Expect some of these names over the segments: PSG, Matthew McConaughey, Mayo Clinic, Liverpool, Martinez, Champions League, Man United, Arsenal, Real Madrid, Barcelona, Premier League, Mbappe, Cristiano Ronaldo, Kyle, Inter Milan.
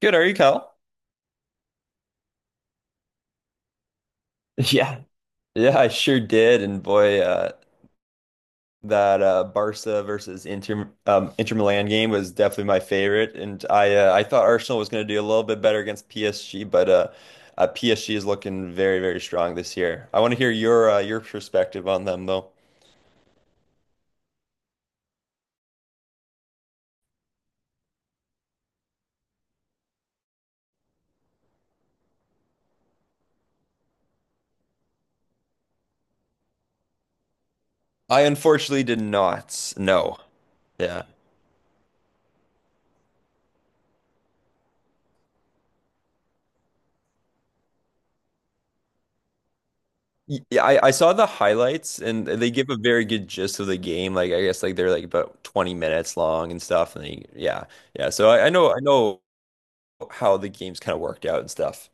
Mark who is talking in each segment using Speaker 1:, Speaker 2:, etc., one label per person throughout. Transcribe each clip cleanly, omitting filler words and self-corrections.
Speaker 1: Good, are you, Cal? Yeah, yeah, I sure did. And boy, that Barca versus Inter Milan game was definitely my favorite. And I thought Arsenal was going to do a little bit better against PSG, but PSG is looking very, very strong this year. I want to hear your perspective on them, though. I unfortunately did not. No, yeah. Yeah, I saw the highlights and they give a very good gist of the game. Like I guess like they're like about 20 minutes long and stuff. And yeah, yeah. So I know how the games kind of worked out and stuff.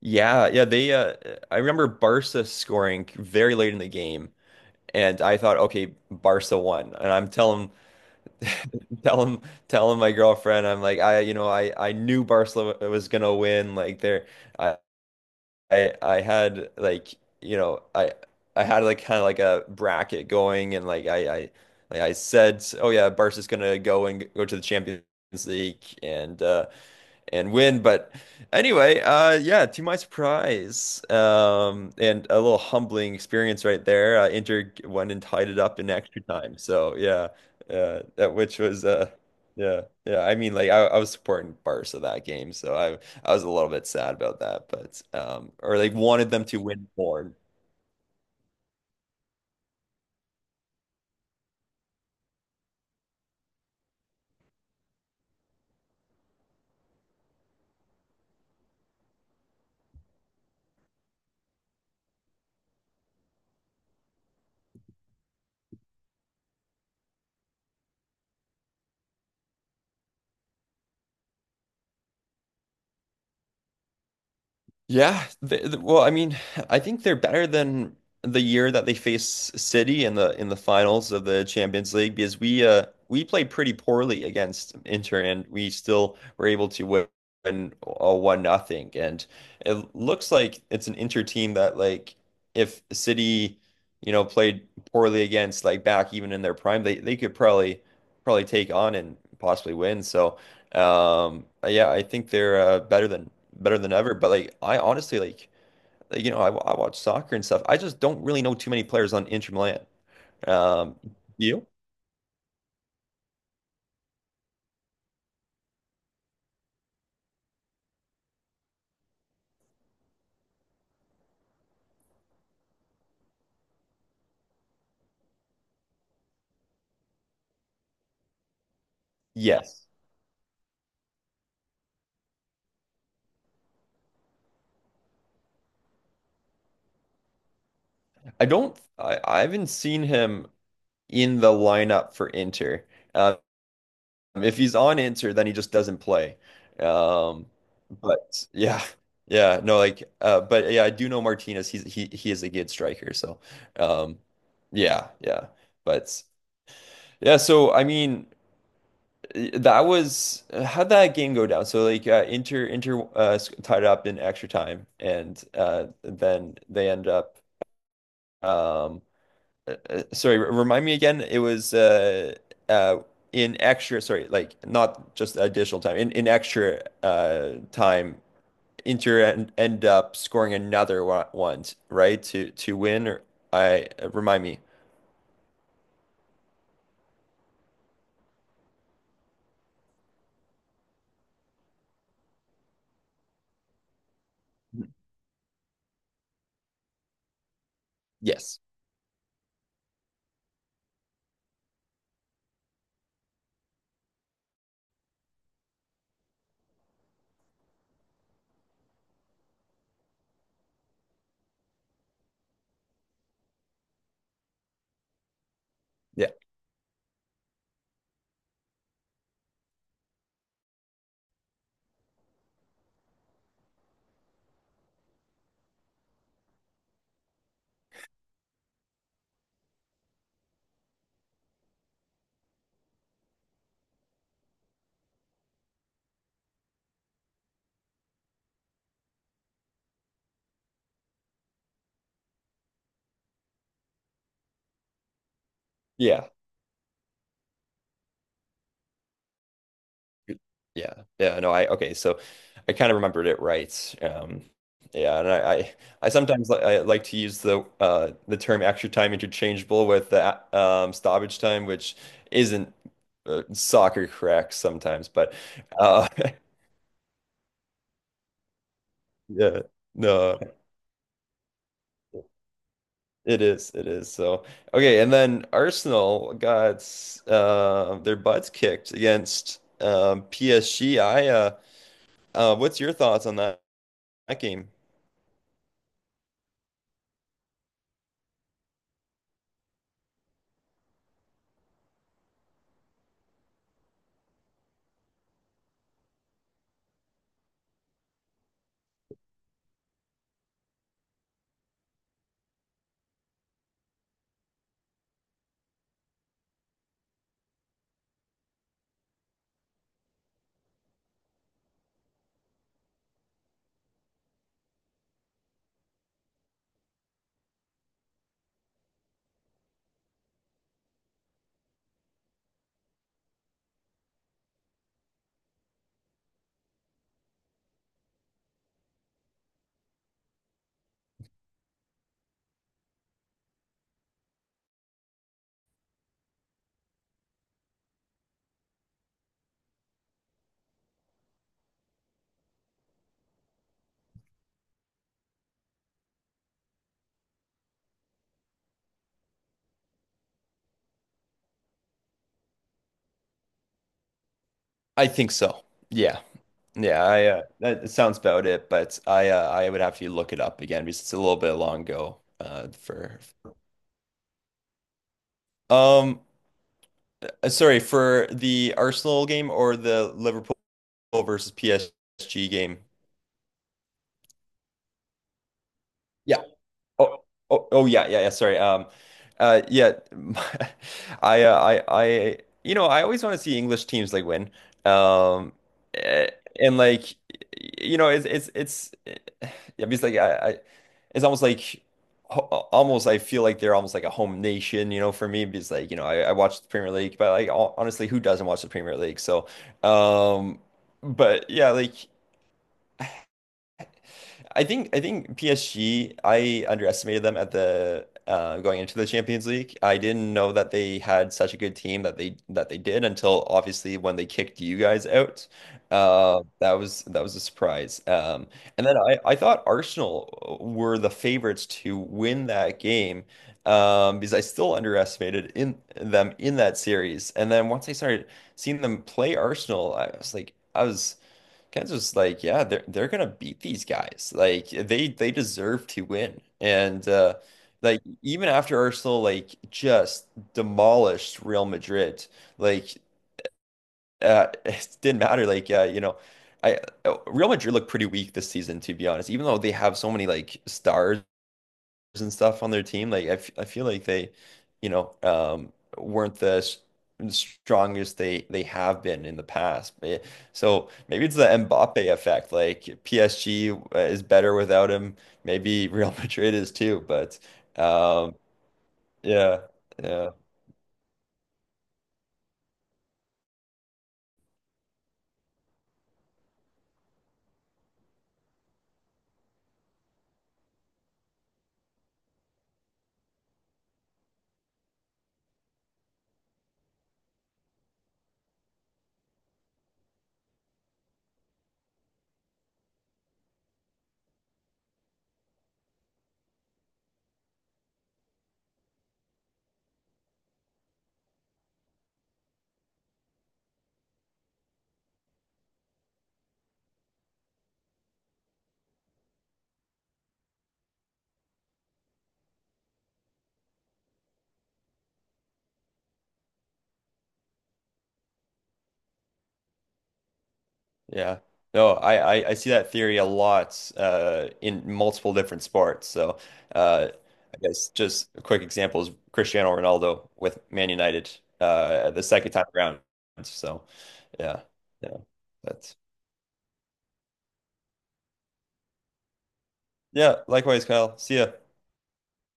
Speaker 1: Yeah, yeah, they I remember Barca scoring very late in the game and I thought, okay, Barca won. And I'm telling telling telling my girlfriend, I'm like, I you know, I knew Barcelona was gonna win. Like I I had like you know, I had like kind of like a bracket going and like I like I said, oh yeah, Barca's gonna go and go to the Champions League and and win. But anyway, yeah, to my surprise, and a little humbling experience right there. Inter went and tied it up in extra time. So yeah, that which was yeah, yeah. I mean, like I was supporting Barca that game, so I was a little bit sad about that, but or like wanted them to win more. Yeah, well, I mean, I think they're better than the year that they faced City in the finals of the Champions League because we played pretty poorly against Inter and we still were able to win a one nothing and it looks like it's an Inter team that like if City you know played poorly against like back even in their prime they could probably take on and possibly win so. Yeah, I think they're better than ever. But I honestly like I watch soccer and stuff. I just don't really know too many players on Inter Milan. Um, you? Yes. I don't. I haven't seen him in the lineup for Inter. Um, if he's on Inter, then he just doesn't play. Um, but yeah, yeah, no, like, but yeah, I do know Martinez. He is a good striker. So, um, yeah, yeah, but. Yeah, so I mean, that was— how'd that game go down? So like tied up in extra time, and then they end up— Um, sorry, remind me again. It was uh, in extra— sorry, like not just additional time. In extra time, Inter en end up scoring another one, one, right? To win. Or I remind me. Yes. Yeah. Yeah. Yeah. Yeah. No, I okay. So I kind of remembered it right. Yeah, and I sometimes li I like to use the term extra time interchangeable with the stoppage time, which isn't soccer correct sometimes, but uh yeah, no, it is, it is. So okay, and then Arsenal got their butts kicked against PSG. I what's your thoughts on that game? I think so. Yeah. Yeah, I that sounds about it, but I would have to look it up again because it's a little bit long ago for um sorry, for the Arsenal game or the Liverpool versus PSG game. Yeah. Oh, oh, yeah, yeah, yeah. Sorry. Yeah, I, uh, I, I, I always want to see English teams like win. Um, eh, and like, you know, it's, eh, yeah, because it's almost like, almost, I feel like they're almost like a home nation, you know, for me, because like I watch the Premier League, but like, honestly, who doesn't watch the Premier League? So, um, but yeah, like— I think PSG, I underestimated them at the going into the Champions League. I didn't know that they had such a good team that they did until obviously when they kicked you guys out. That was a surprise. And then I thought Arsenal were the favorites to win that game because I still underestimated in them in that series. And then once I started seeing them play Arsenal, I was— Kansas, like, yeah, they're gonna beat these guys. Like they deserve to win. And like even after Arsenal like just demolished Real Madrid, like it didn't matter. Like you know, I Real Madrid looked pretty weak this season, to be honest, even though they have so many like stars and stuff on their team. Like I feel like they, you know, um, weren't the strongest they have been in the past. So maybe it's the Mbappe effect. Like PSG is better without him. Maybe Real Madrid is too. But um, yeah, yeah. Yeah. No, I see that theory a lot in multiple different sports. So uh, I guess just a quick example is Cristiano Ronaldo with Man United the second time around. So yeah, yeah, that's yeah. Likewise, Kyle. See ya.